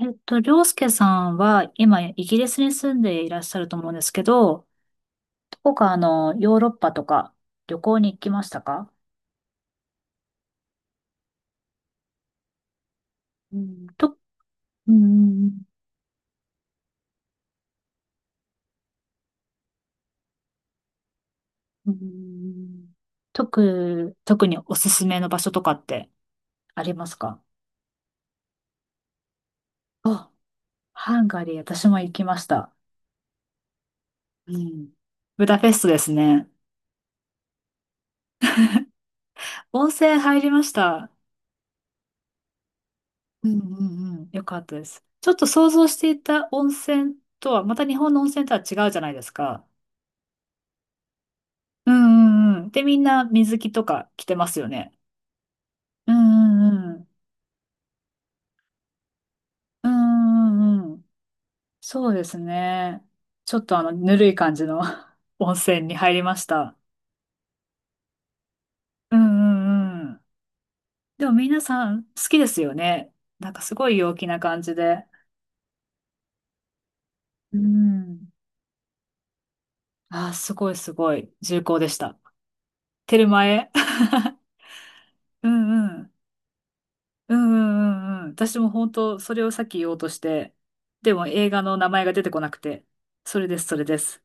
りょうすけさんは今イギリスに住んでいらっしゃると思うんですけど、どこかヨーロッパとか旅行に行きましたか？うん、と、うん、うん。特におすすめの場所とかってありますか？あ、ハンガリー、私も行きました。うん、ブダペストですね。温泉入りました。うん、うんうんよかったです。ちょっと想像していた温泉とは、また日本の温泉とは違うじゃないですか。うんうんうん。で、みんな水着とか着てますよね。うんうんうん。うんうんうん。そうですね。ちょっとぬるい感じの 温泉に入りました。うんうんうん。でも皆さん好きですよね。なんかすごい陽気な感じで。うん。あー、すごいすごい。重厚でした。テルマエ。うんうん。うんうんうんうん。私も本当それをさっき言おうとして、でも映画の名前が出てこなくて、それです、それです。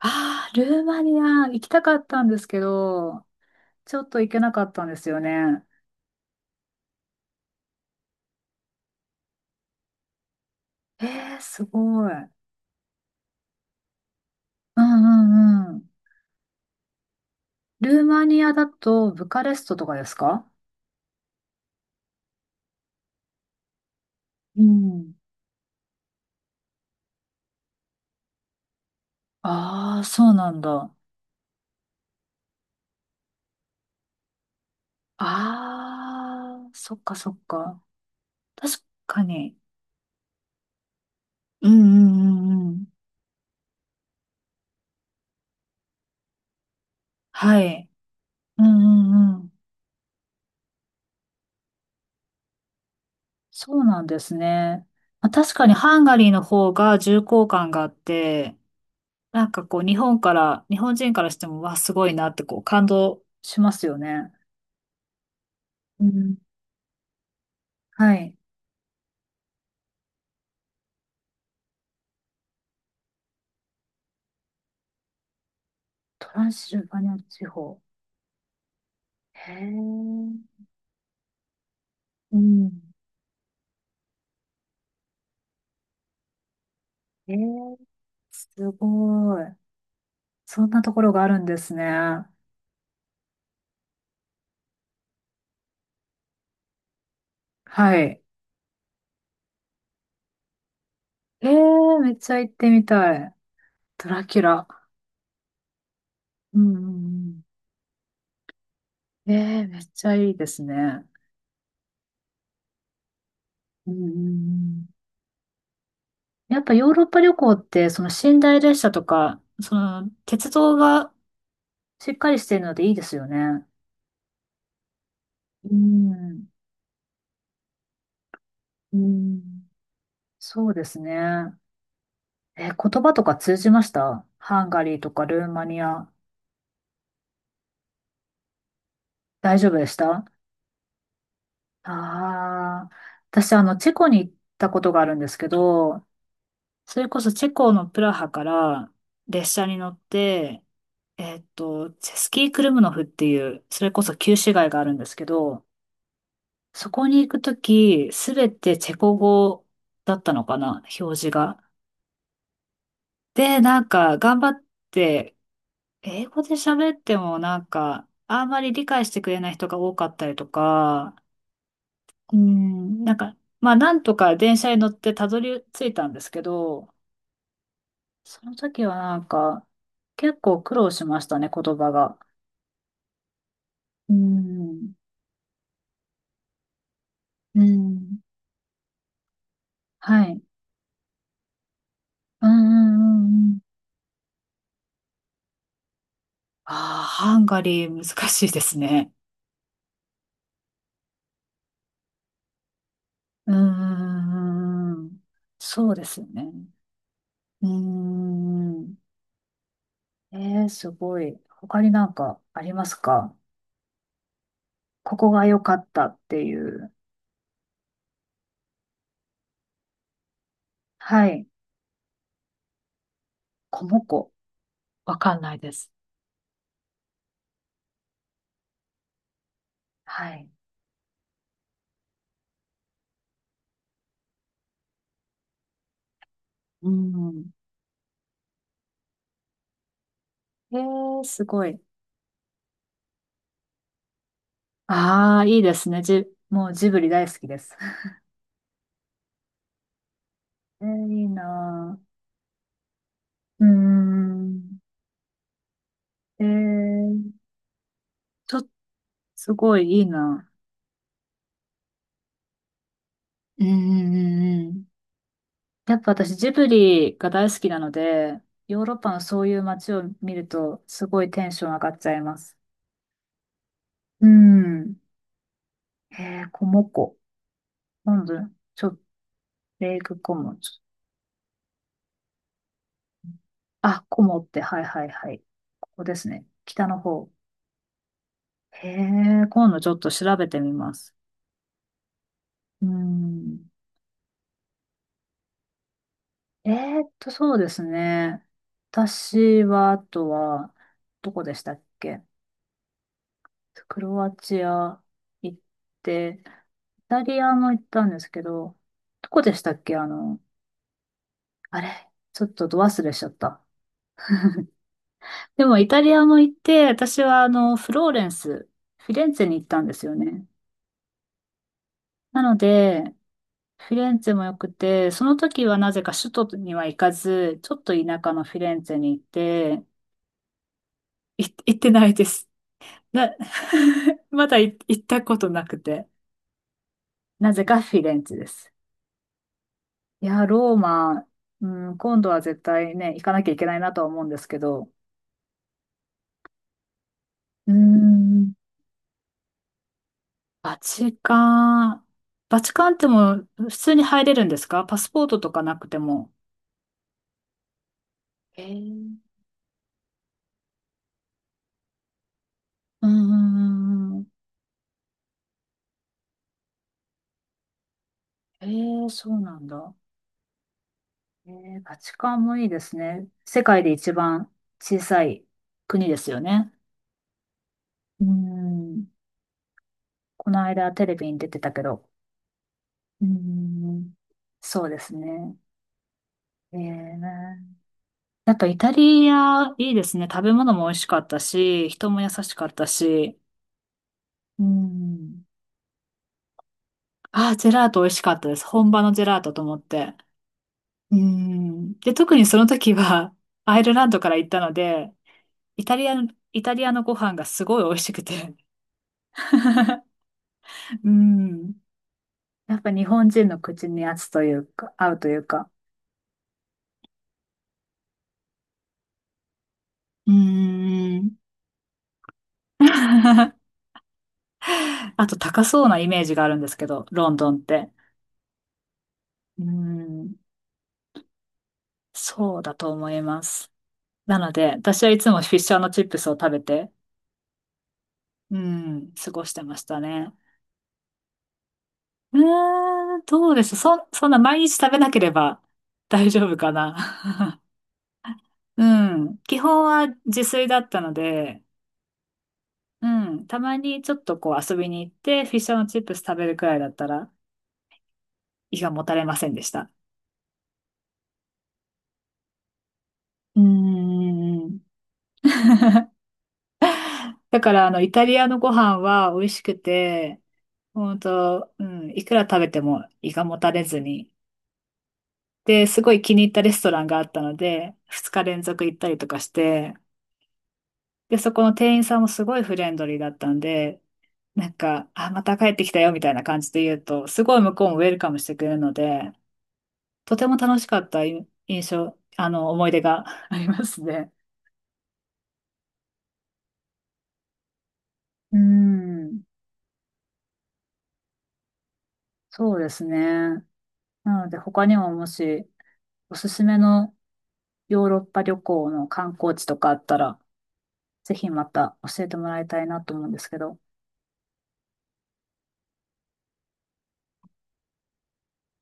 ああ、ルーマニア行きたかったんですけど、ちょっと行けなかったんですよね。ええー、すごい。うんうんうん。ルーマニアだとブカレストとかですか？うん。ああ、そうなんだ。ああ、そっかそっか。確かに。うんうんうんうん。はい。うんうんうん。そうなんですね。まあ確かにハンガリーの方が重厚感があって、なんかこう、日本から、日本人からしても、わあ、すごいなってこう、感動しますよね。うん。はい。トランシルバニア地方。へえ、うん。えー、すごい。そんなところがあるんですね。はい。えー、めっちゃ行ってみたい。ドラキュラ。うんうんうん。えー、めっちゃいいですね。うんうんうん。やっぱヨーロッパ旅行って、その寝台列車とか、その鉄道がしっかりしているのでいいですよね。うん、うん。そうですね。え、言葉とか通じましたハンガリーとかルーマニア。大丈夫でした？ああー、私、チェコに行ったことがあるんですけど、それこそチェコのプラハから列車に乗って、チェスキークルムノフっていう、それこそ旧市街があるんですけど、そこに行くとき、すべてチェコ語だったのかな、表示が。で、なんか、頑張って、英語で喋っても、なんか、あんまり理解してくれない人が多かったりとか、うん、なんか、まあ、なんとか電車に乗ってたどり着いたんですけど、その時はなんか、結構苦労しましたね、言葉が。うん、うん、はい。うん、うん、うん。ああ、ハンガリー難しいですね。うん、うんうんうんそうですよね。うん。えー、すごい。他になんかありますか？ここが良かったっていう。はい。コモコ。わかんないです。はい。うん。えー、すごい。ああ、いいですね。じ、もうジブリ大好きです。えー、いいなー。うーん。えー、ちょっと、すごいいいなぁ。うんうんうんうん。やっぱ私ジブリが大好きなので、ヨーロッパのそういう街を見ると、すごいテンション上がっちゃいます。うん。えー、こもこ。なんで、ちょ、レイクコモンズ。あ、こもって、はいはいはい。ここですね。北の方。へえ、今度ちょっと調べてみます。うん。えそうですね。私は、あとは、どこでしたっけ？クロアチア行って、イタリアも行ったんですけど、どこでしたっけ？あれ、ちょっとど忘れしちゃった。でもイタリアも行って、私はフローレンス、フィレンツェに行ったんですよね。なので、フィレンツェも良くて、その時はなぜか首都には行かず、ちょっと田舎のフィレンツェに行って、い行ってないです。な、まだい行ったことなくて。なぜかフィレンツェです。いや、ローマ、うん、今度は絶対ね、行かなきゃいけないなとは思うんですけど、うん、バチカン。バチカンってもう普通に入れるんですか？パスポートとかなくても。えー、うんうんうんうん。えーそうなんだ。えーバチカンもいいですね。世界で一番小さい国ですよね。うん。この間テレビに出てたけど。うん。そうですね。ええやっぱイタリアいいですね。食べ物も美味しかったし、人も優しかったし。うん。ああ、ジェラート美味しかったです。本場のジェラートと思って。うん。で、特にその時は、アイルランドから行ったので、イタリアのご飯がすごい美味しくて。うん。やっぱ日本人の口に合つというか、合うというか。うん。あと高そうなイメージがあるんですけど、ロンドンって。うん。そうだと思います。なので、私はいつもフィッシャーのチップスを食べて、うん、過ごしてましたね。うーん、どうでしょう。そ、そんな毎日食べなければ 大丈夫かな。うん。基本は自炊だったので、うん。たまにちょっとこう遊びに行って、フィッシュチップス食べるくらいだったら、胃がもたれませんでした。うーん。だから、イタリアのご飯は美味しくて、本当、うん、いくら食べても胃がもたれずに。で、すごい気に入ったレストランがあったので、二日連続行ったりとかして、で、そこの店員さんもすごいフレンドリーだったんで、なんか、あ、また帰ってきたよみたいな感じで言うと、すごい向こうもウェルカムしてくれるので、とても楽しかったい印象、思い出が ありますね。うん、そうですね。なので、他にももし、おすすめのヨーロッパ旅行の観光地とかあったら、ぜひまた教えてもらいたいなと思うんですけど。